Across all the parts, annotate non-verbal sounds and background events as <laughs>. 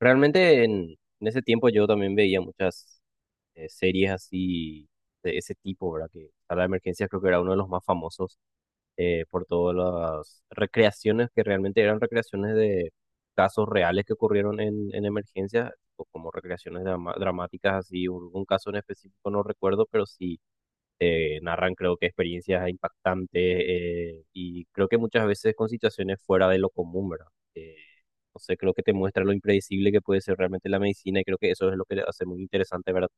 Realmente en ese tiempo yo también veía muchas series así de ese tipo, ¿verdad? Que a la emergencias creo que era uno de los más famosos, por todas las recreaciones que realmente eran recreaciones de casos reales que ocurrieron en emergencias, o como recreaciones dramáticas así, un caso en específico no recuerdo, pero sí narran creo que experiencias impactantes, y creo que muchas veces con situaciones fuera de lo común, ¿verdad? Eh, no sé, creo que te muestra lo impredecible que puede ser realmente la medicina y creo que eso es lo que le hace muy interesante, ¿verdad?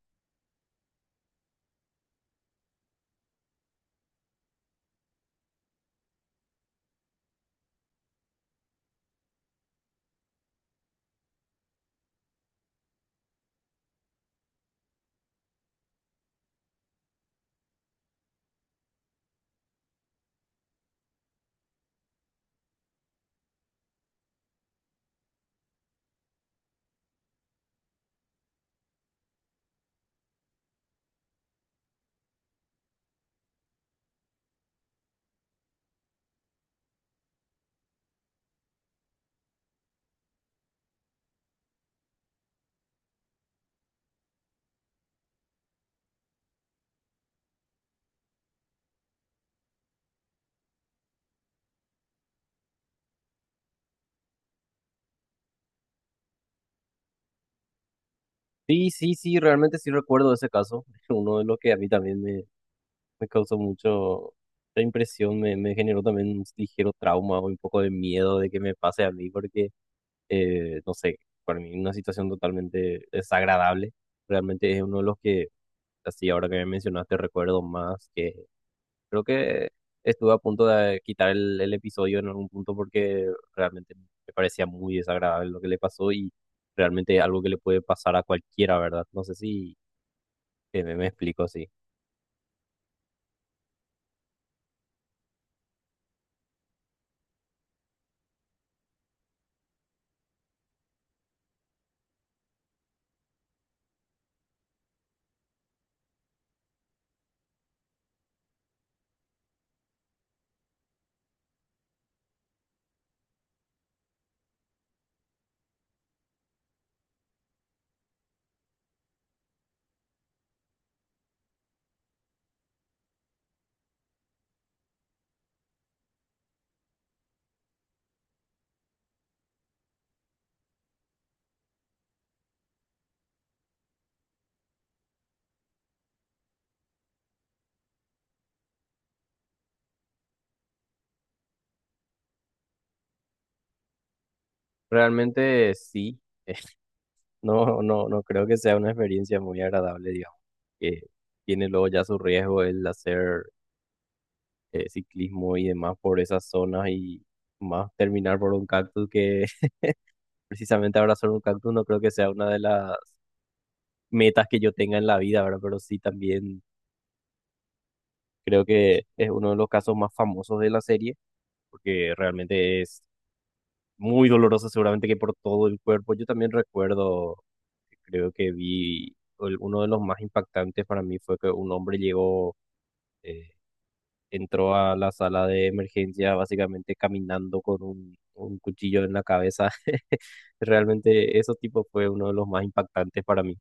Sí, sí, sí, realmente sí recuerdo ese caso, <laughs> uno de los que a mí también me causó mucho. La impresión me generó también un ligero trauma o un poco de miedo de que me pase a mí porque, no sé, para mí una situación totalmente desagradable. Realmente es uno de los que. Así, ahora que me mencionaste, recuerdo más que creo que estuve a punto de quitar el episodio en algún punto porque realmente me parecía muy desagradable lo que le pasó y realmente algo que le puede pasar a cualquiera, ¿verdad? No sé si me explico así. Realmente sí, no, no, no creo que sea una experiencia muy agradable, digamos, que tiene luego ya su riesgo el hacer ciclismo y demás por esas zonas y más terminar por un cactus que precisamente abrazar un cactus no creo que sea una de las metas que yo tenga en la vida, ¿verdad? Pero sí también creo que es uno de los casos más famosos de la serie, porque realmente es muy doloroso, seguramente que por todo el cuerpo. Yo también recuerdo, creo que vi, uno de los más impactantes para mí fue que un hombre llegó, eh, entró a la sala de emergencia básicamente caminando con un cuchillo en la cabeza. <laughs> Realmente eso tipo fue uno de los más impactantes para mí.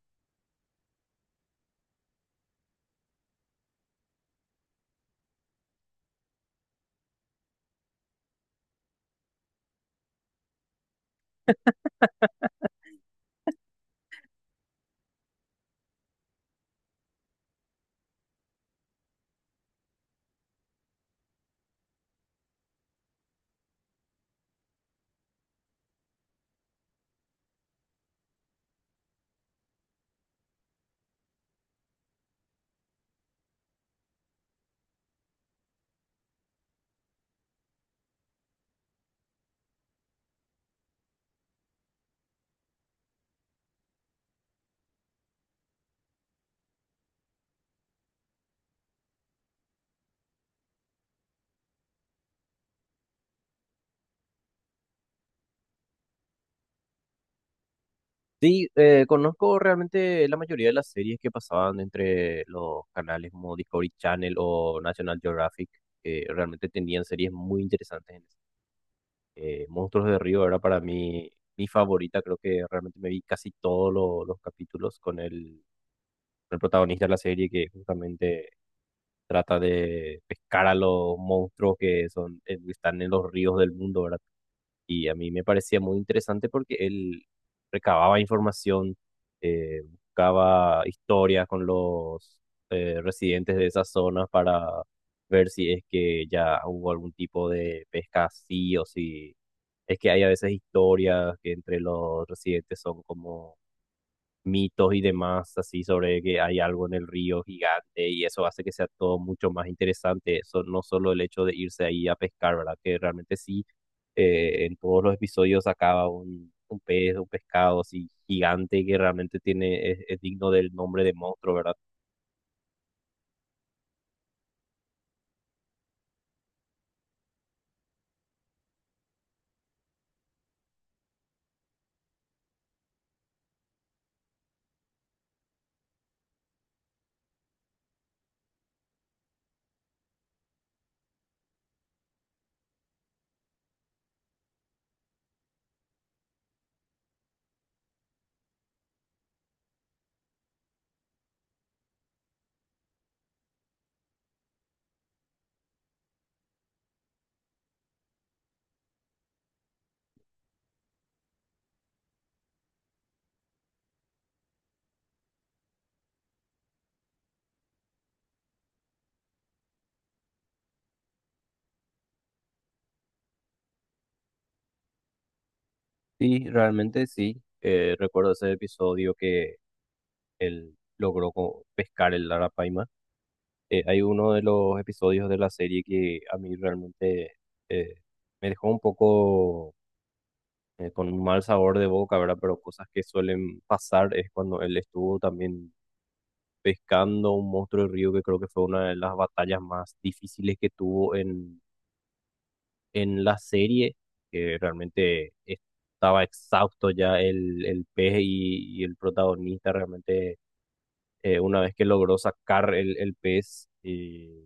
Sí, conozco realmente la mayoría de las series que pasaban entre los canales como Discovery Channel o National Geographic, que realmente tenían series muy interesantes. Monstruos de Río era para mí mi favorita, creo que realmente me vi casi todos los capítulos con el protagonista de la serie que justamente trata de pescar a los monstruos que son, están en los ríos del mundo, ¿verdad? Y a mí me parecía muy interesante porque él recababa información, buscaba historias con los residentes de esas zonas para ver si es que ya hubo algún tipo de pesca así o si es que hay a veces historias que entre los residentes son como mitos y demás, así sobre que hay algo en el río gigante y eso hace que sea todo mucho más interesante. Eso no solo el hecho de irse ahí a pescar, ¿verdad? Que realmente sí, en todos los episodios acaba un pez, un pescado así gigante que realmente tiene, es digno del nombre de monstruo, ¿verdad? Sí, realmente sí. Recuerdo ese episodio que él logró pescar el arapaima. Hay uno de los episodios de la serie que a mí realmente eh, me dejó un poco, con un mal sabor de boca, ¿verdad? Pero cosas que suelen pasar es cuando él estuvo también pescando un monstruo de río que creo que fue una de las batallas más difíciles que tuvo en la serie, que realmente estaba exhausto ya el pez y el protagonista realmente, una vez que logró sacar el pez.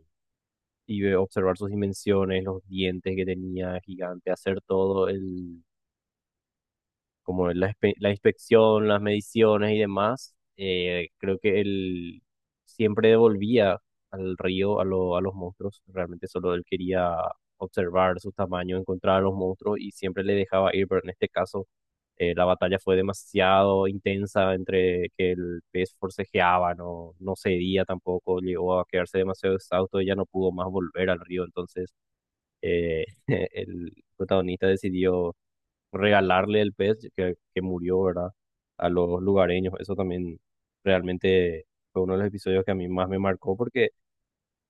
Y observar sus dimensiones, los dientes que tenía gigante, hacer todo el, como la, la inspección, las mediciones y demás, creo que él siempre devolvía al río a, a los monstruos. Realmente solo él quería observar su tamaño, encontrar a los monstruos y siempre le dejaba ir, pero en este caso, la batalla fue demasiado intensa entre que el pez forcejeaba, no, no cedía tampoco, llegó a quedarse demasiado exhausto y ya no pudo más volver al río. Entonces, <laughs> el protagonista decidió regalarle el pez que murió, ¿verdad? A los lugareños. Eso también realmente fue uno de los episodios que a mí más me marcó porque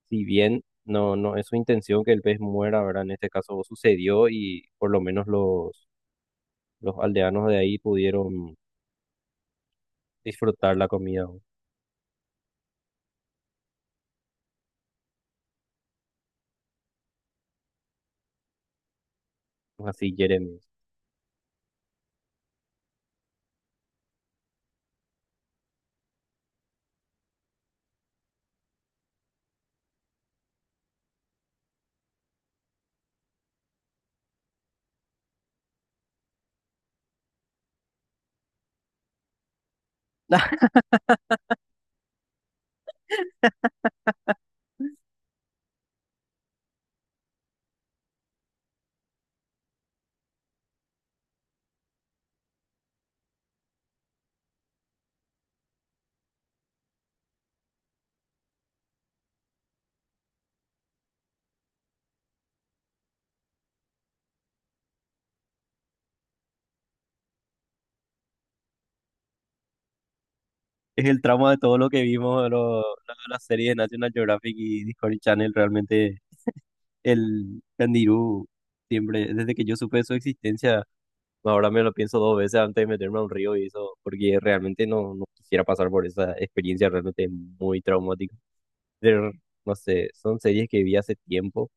si bien no, no es su intención que el pez muera, ¿verdad? En este caso sucedió y por lo menos los aldeanos de ahí pudieron disfrutar la comida. ¿No? Así, Jeremy. Es el trauma de todo lo que vimos de, de la serie de National Geographic y Discovery Channel realmente. El candirú, siempre, desde que yo supe de su existencia, ahora me lo pienso dos veces antes de meterme a un río y eso, porque realmente no, no quisiera pasar por esa experiencia, realmente es muy traumática. Pero, no sé, son series que vi hace tiempo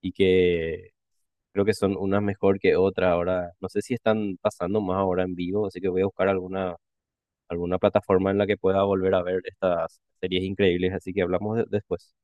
y que creo que son unas mejor que otras ahora. No sé si están pasando más ahora en vivo, así que voy a buscar alguna, alguna plataforma en la que pueda volver a ver estas series increíbles, así que hablamos después.